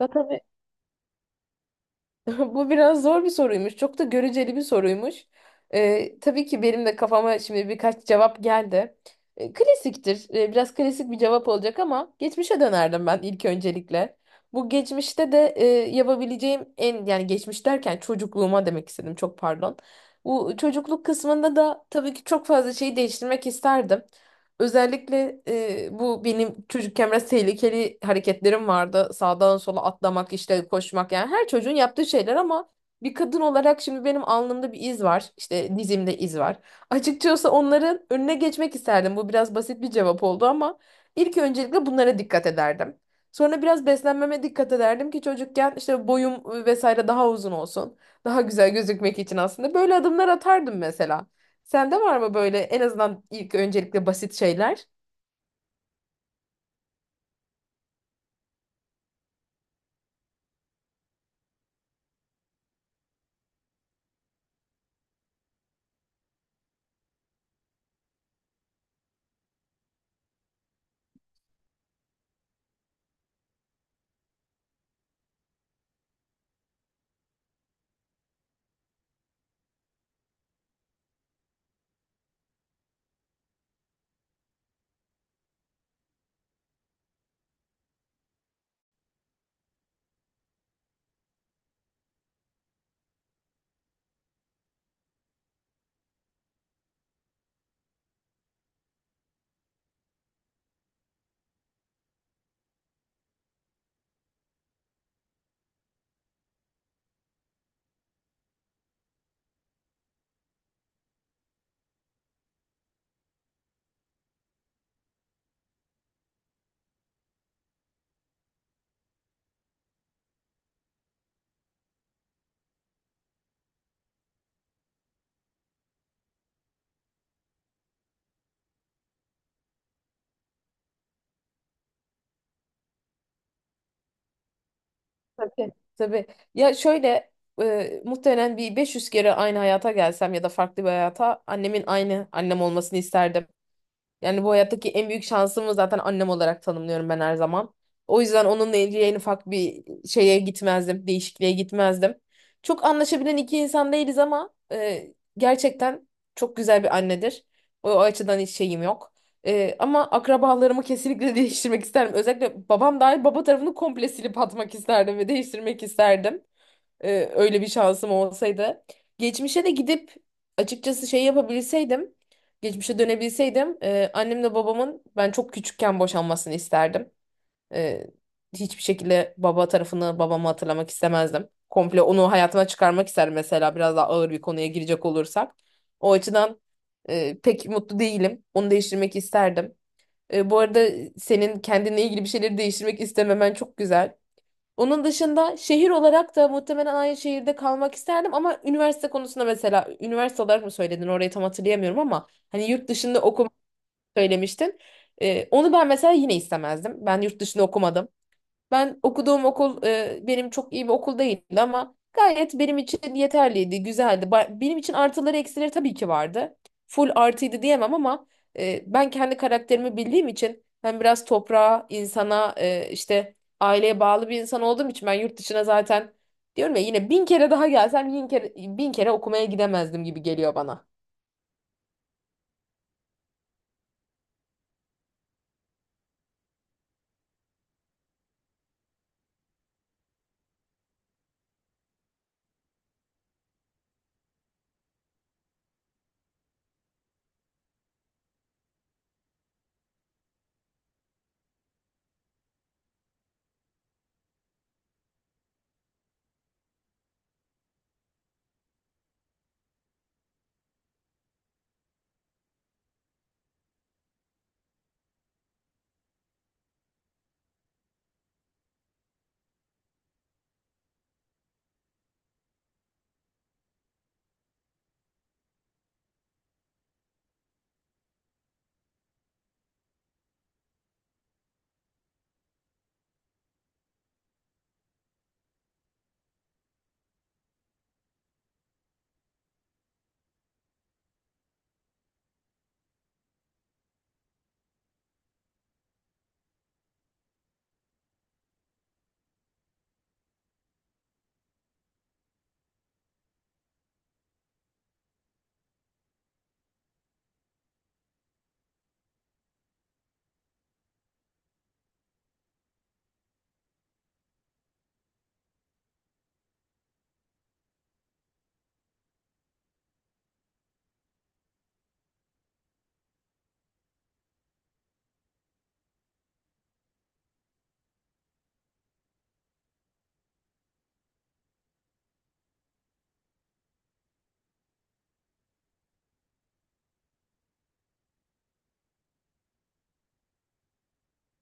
Ya tabii bu biraz zor bir soruymuş. Çok da göreceli bir soruymuş. Tabii ki benim de kafama şimdi birkaç cevap geldi. Klasiktir. Biraz klasik bir cevap olacak ama geçmişe dönerdim ben ilk öncelikle. Bu geçmişte de yapabileceğim en, yani geçmiş derken çocukluğuma demek istedim. Çok pardon. Bu çocukluk kısmında da tabii ki çok fazla şeyi değiştirmek isterdim. Özellikle bu benim çocukken biraz tehlikeli hareketlerim vardı. Sağdan sola atlamak, işte koşmak, yani her çocuğun yaptığı şeyler ama bir kadın olarak şimdi benim alnımda bir iz var. İşte dizimde iz var. Açıkçası onların önüne geçmek isterdim. Bu biraz basit bir cevap oldu ama ilk öncelikle bunlara dikkat ederdim. Sonra biraz beslenmeme dikkat ederdim ki çocukken işte boyum vesaire daha uzun olsun. Daha güzel gözükmek için aslında böyle adımlar atardım mesela. Sende var mı böyle en azından ilk öncelikle basit şeyler? Tabii. Tabii. Ya şöyle, muhtemelen bir 500 kere aynı hayata gelsem ya da farklı bir hayata, annemin aynı annem olmasını isterdim. Yani bu hayattaki en büyük şansımı zaten annem olarak tanımlıyorum ben her zaman. O yüzden onunla ilgili en ufak bir şeye gitmezdim, değişikliğe gitmezdim. Çok anlaşabilen iki insan değiliz ama gerçekten çok güzel bir annedir. O, o açıdan hiç şeyim yok. E, ama akrabalarımı kesinlikle değiştirmek isterdim. Özellikle babam dahil baba tarafını komple silip atmak isterdim ve değiştirmek isterdim. Öyle bir şansım olsaydı. Geçmişe de gidip açıkçası şey yapabilseydim, geçmişe dönebilseydim, annemle babamın ben çok küçükken boşanmasını isterdim. Ee, Hiçbir şekilde baba tarafını, babamı hatırlamak istemezdim. Komple onu hayatıma çıkarmak isterdim mesela, biraz daha ağır bir konuya girecek olursak. O açıdan pek mutlu değilim. Onu değiştirmek isterdim. E, bu arada senin kendinle ilgili bir şeyleri değiştirmek istememen çok güzel. Onun dışında şehir olarak da muhtemelen aynı şehirde kalmak isterdim, ama üniversite konusunda, mesela üniversite olarak mı söyledin orayı tam hatırlayamıyorum, ama hani yurt dışında okumak söylemiştin. Onu ben mesela yine istemezdim. Ben yurt dışında okumadım. Ben okuduğum okul, benim çok iyi bir okul değildi ama gayet benim için yeterliydi, güzeldi. Benim için artıları eksileri tabii ki vardı. Full artıydı diyemem ama ben kendi karakterimi bildiğim için, ben biraz toprağa, insana, işte aileye bağlı bir insan olduğum için, ben yurt dışına zaten, diyorum ya, yine bin kere daha gelsem, bin kere okumaya gidemezdim gibi geliyor bana.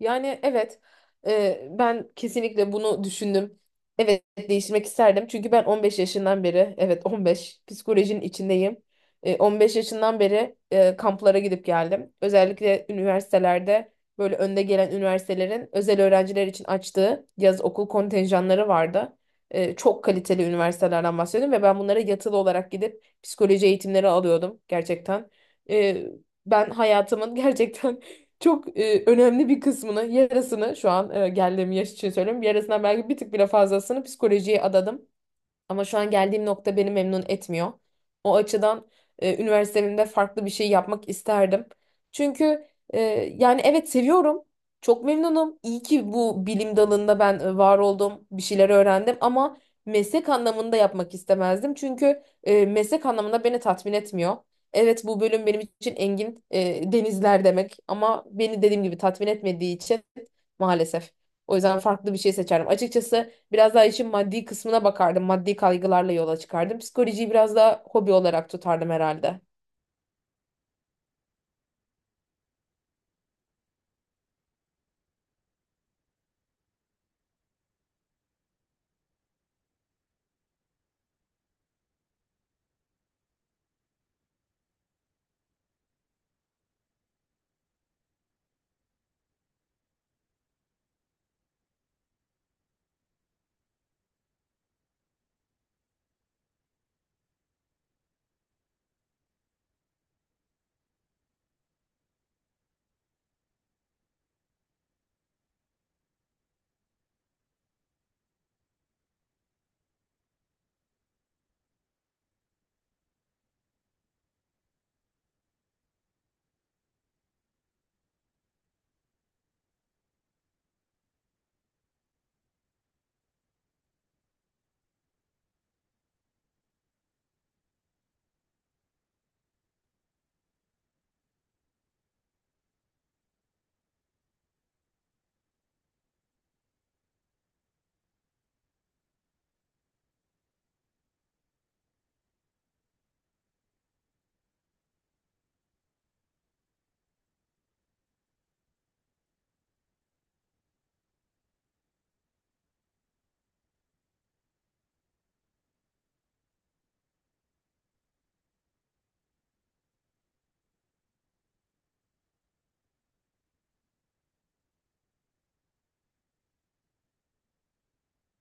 Yani evet, ben kesinlikle bunu düşündüm. Evet, değiştirmek isterdim. Çünkü ben 15 yaşından beri, evet 15, psikolojinin içindeyim. E, 15 yaşından beri kamplara gidip geldim. Özellikle üniversitelerde böyle önde gelen üniversitelerin özel öğrenciler için açtığı yaz okul kontenjanları vardı. Çok kaliteli üniversitelerden bahsediyorum ve ben bunlara yatılı olarak gidip psikoloji eğitimleri alıyordum gerçekten. E, Ben hayatımın gerçekten çok önemli bir kısmını, yarısını, şu an geldiğim yaş için söylüyorum, yarısından belki bir tık bile fazlasını psikolojiye adadım. Ama şu an geldiğim nokta beni memnun etmiyor. O açıdan üniversitemde farklı bir şey yapmak isterdim. Çünkü, e, yani evet seviyorum. Çok memnunum. İyi ki bu bilim dalında ben var oldum, bir şeyler öğrendim, ama meslek anlamında yapmak istemezdim. Çünkü meslek anlamında beni tatmin etmiyor. Evet, bu bölüm benim için engin denizler demek, ama beni dediğim gibi tatmin etmediği için, maalesef. O yüzden farklı bir şey seçerim açıkçası. Biraz daha işin maddi kısmına bakardım. Maddi kaygılarla yola çıkardım. Psikolojiyi biraz daha hobi olarak tutardım herhalde.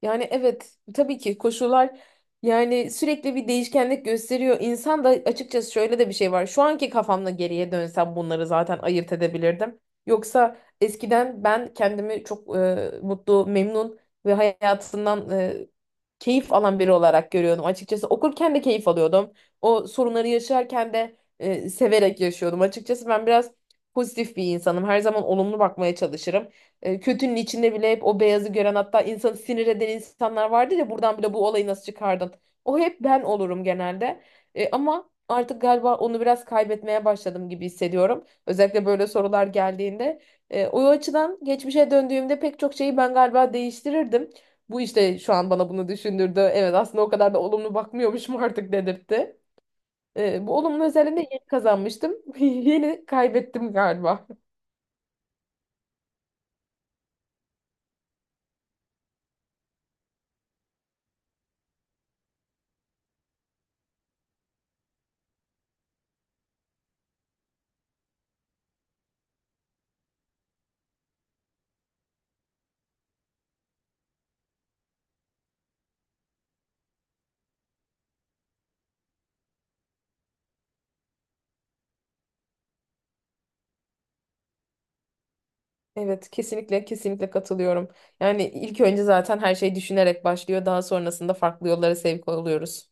Yani evet, tabii ki koşullar, yani sürekli bir değişkenlik gösteriyor. İnsan da açıkçası, şöyle de bir şey var: şu anki kafamla geriye dönsem bunları zaten ayırt edebilirdim. Yoksa eskiden ben kendimi çok mutlu, memnun ve hayatından keyif alan biri olarak görüyordum. Açıkçası okurken de keyif alıyordum. O sorunları yaşarken de severek yaşıyordum. Açıkçası ben biraz pozitif bir insanım. Her zaman olumlu bakmaya çalışırım. E, kötünün içinde bile hep o beyazı gören, hatta insanı sinir eden insanlar vardı ya, buradan bile bu olayı nasıl çıkardın? O hep ben olurum genelde. E, ama artık galiba onu biraz kaybetmeye başladım gibi hissediyorum. Özellikle böyle sorular geldiğinde. E, o açıdan geçmişe döndüğümde pek çok şeyi ben galiba değiştirirdim. Bu işte şu an bana bunu düşündürdü. Evet, aslında o kadar da olumlu bakmıyormuşum artık dedirtti. E, bu olumlu özelliğini de yeni kazanmıştım. Yeni kaybettim galiba. Evet, kesinlikle, kesinlikle katılıyorum. Yani ilk önce zaten her şey düşünerek başlıyor. Daha sonrasında farklı yollara sevk oluyoruz.